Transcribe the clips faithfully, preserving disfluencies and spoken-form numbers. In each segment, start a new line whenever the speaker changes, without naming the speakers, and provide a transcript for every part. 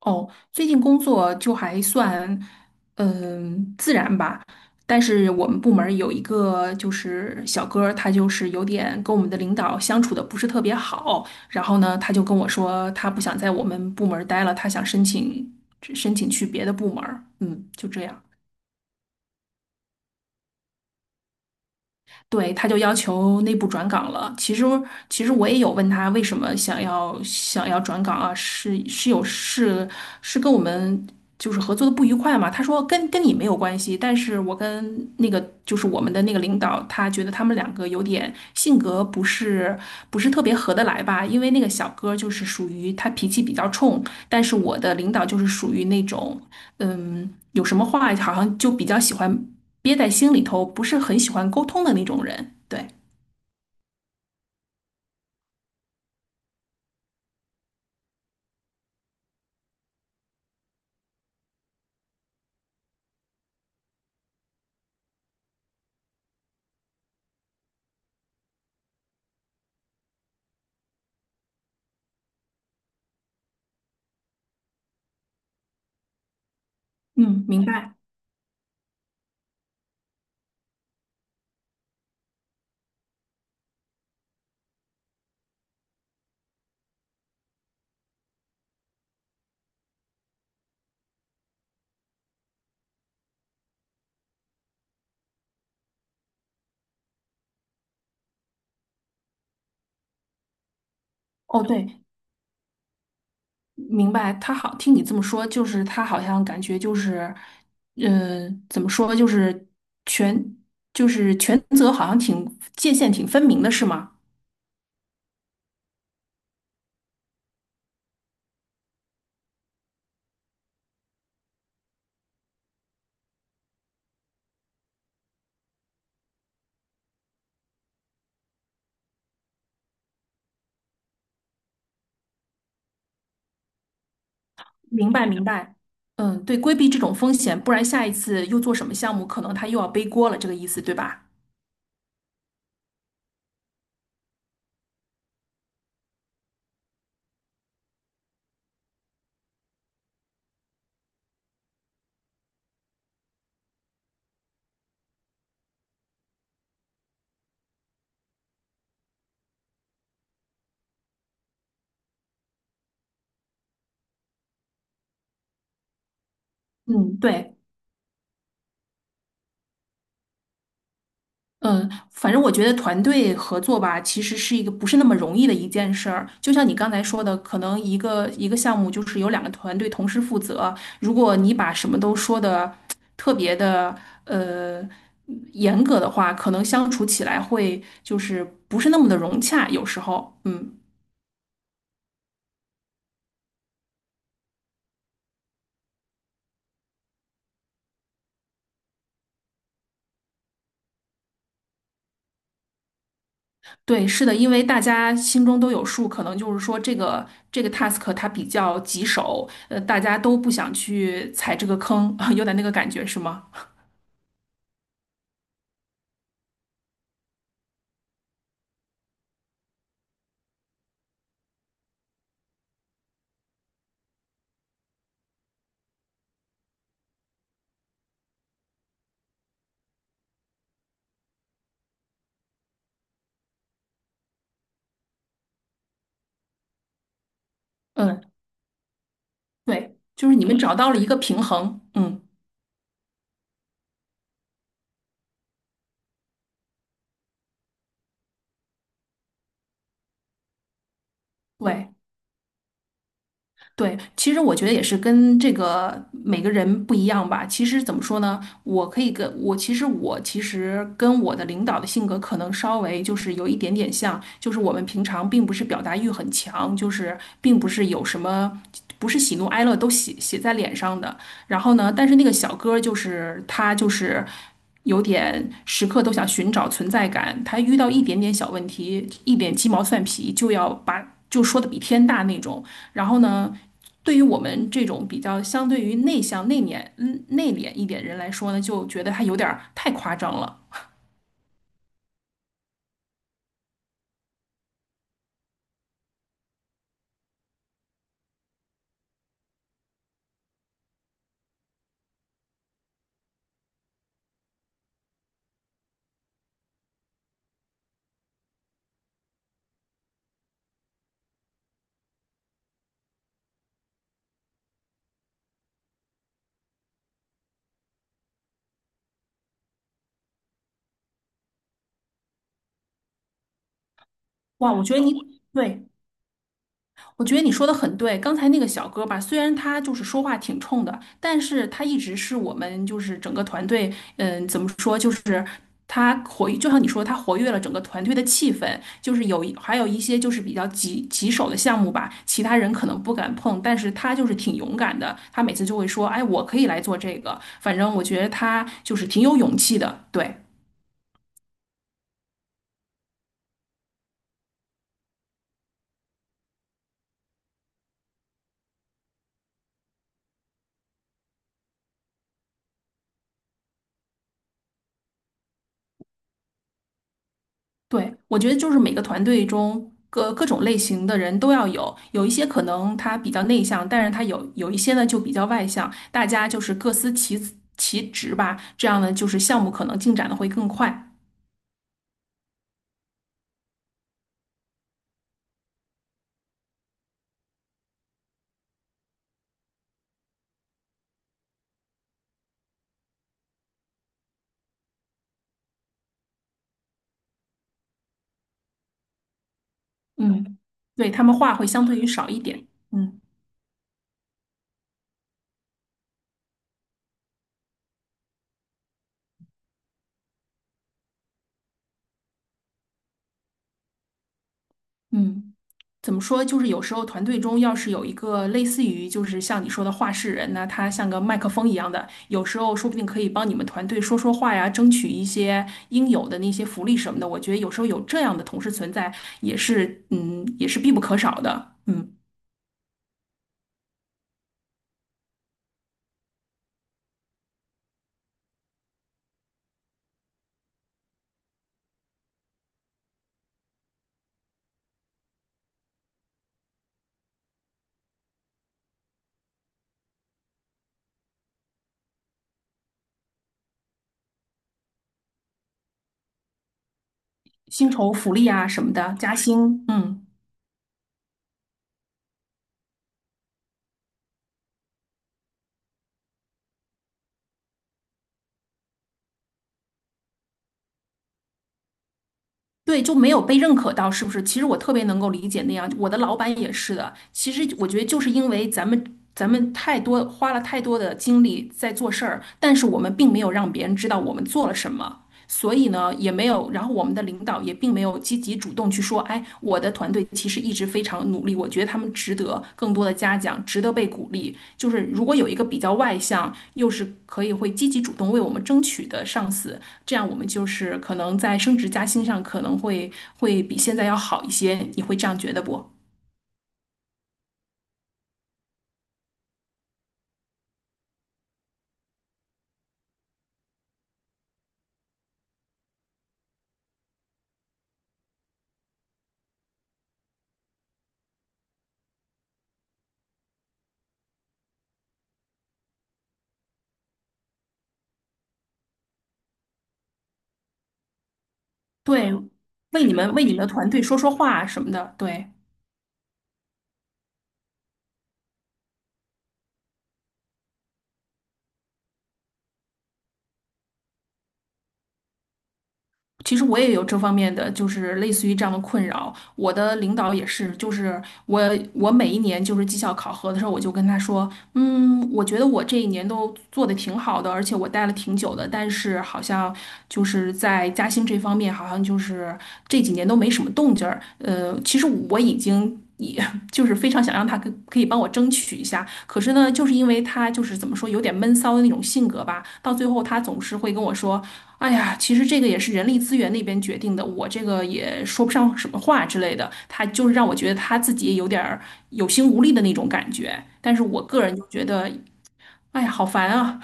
哦，最近工作就还算，嗯，自然吧。但是我们部门儿有一个就是小哥儿他就是有点跟我们的领导相处的不是特别好。然后呢，他就跟我说，他不想在我们部门儿待了，他想申请申请去别的部门儿嗯，就这样。对，他就要求内部转岗了。其实，其实我也有问他为什么想要想要转岗啊？是是有是是跟我们就是合作的不愉快嘛？他说跟跟你没有关系，但是我跟那个就是我们的那个领导，他觉得他们两个有点性格不是不是特别合得来吧？因为那个小哥就是属于他脾气比较冲，但是我的领导就是属于那种。嗯，有什么话好像就比较喜欢憋在心里头，不是很喜欢沟通的那种人。对，嗯，明白。哦，对，明白。他好，听你这么说，就是他好像感觉就是，嗯、怎么说，就是权，就是权责好像挺界限挺分明的，是吗？明白，明白。嗯，对，规避这种风险，不然下一次又做什么项目，可能他又要背锅了，这个意思，对吧？嗯，对。嗯，反正我觉得团队合作吧，其实是一个不是那么容易的一件事儿。就像你刚才说的，可能一个一个项目就是有两个团队同时负责。如果你把什么都说的特别的呃严格的话，可能相处起来会就是不是那么的融洽。有时候，嗯，对，是的，因为大家心中都有数，可能就是说这个这个 task 它比较棘手，呃，大家都不想去踩这个坑，有点那个感觉，是吗？嗯，对，就是你们找到了一个平衡，嗯，对。对，其实我觉得也是跟这个每个人不一样吧。其实怎么说呢，我可以跟我其实我其实跟我的领导的性格可能稍微就是有一点点像，就是我们平常并不是表达欲很强，就是并不是有什么不是喜怒哀乐都写写在脸上的。然后呢，但是那个小哥儿就是他就是有点时刻都想寻找存在感，他遇到一点点小问题，一点鸡毛蒜皮就要把就说的比天大那种。然后呢？对于我们这种比较相对于内向、内敛、嗯内敛一点人来说呢，就觉得还有点儿太夸张了。哇，我觉得你对。我觉得你说的很对，刚才那个小哥吧，虽然他就是说话挺冲的，但是他一直是我们就是整个团队，嗯，怎么说，就是他活，就像你说，他活跃了整个团队的气氛，就是有一还有一些就是比较棘棘手的项目吧，其他人可能不敢碰，但是他就是挺勇敢的，他每次就会说，哎，我可以来做这个，反正我觉得他就是挺有勇气的，对。对，我觉得就是每个团队中各各种类型的人都要有，有一些可能他比较内向，但是他有有一些呢就比较外向，大家就是各司其其职吧，这样呢就是项目可能进展的会更快。嗯，对，他们话会相对于少一点。嗯嗯。怎么说，就是有时候团队中要是有一个类似于就是像你说的话事人呢，他像个麦克风一样的，有时候说不定可以帮你们团队说说话呀，争取一些应有的那些福利什么的。我觉得有时候有这样的同事存在，也是嗯，也是必不可少的。嗯，薪酬福利啊什么的，加薪，嗯。对，就没有被认可到，是不是？其实我特别能够理解那样，我的老板也是的。其实我觉得就是因为咱们咱们太多花了太多的精力在做事儿，但是我们并没有让别人知道我们做了什么。所以呢，也没有，然后我们的领导也并没有积极主动去说，哎，我的团队其实一直非常努力，我觉得他们值得更多的嘉奖，值得被鼓励。就是如果有一个比较外向，又是可以会积极主动为我们争取的上司，这样我们就是可能在升职加薪上可能会会比现在要好一些，你会这样觉得不？对，为你们为你们的团队说说话什么的，对。其实我也有这方面的，就是类似于这样的困扰。我的领导也是，就是我我每一年就是绩效考核的时候，我就跟他说，嗯，我觉得我这一年都做的挺好的，而且我待了挺久的，但是好像就是在嘉兴这方面，好像就是这几年都没什么动静儿。呃，其实我已经就是非常想让他可可以帮我争取一下，可是呢，就是因为他就是怎么说有点闷骚的那种性格吧，到最后他总是会跟我说："哎呀，其实这个也是人力资源那边决定的，我这个也说不上什么话之类的。"他就是让我觉得他自己也有点儿有心无力的那种感觉，但是我个人就觉得，哎呀，好烦啊！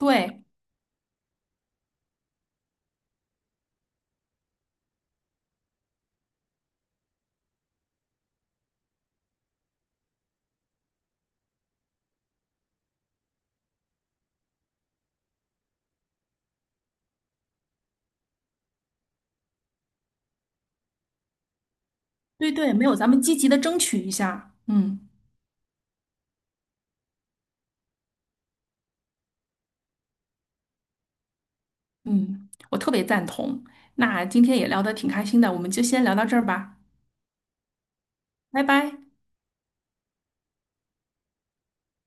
对对对，没有咱们积极的争取一下，嗯嗯，我特别赞同。那今天也聊得挺开心的，我们就先聊到这儿吧，拜拜。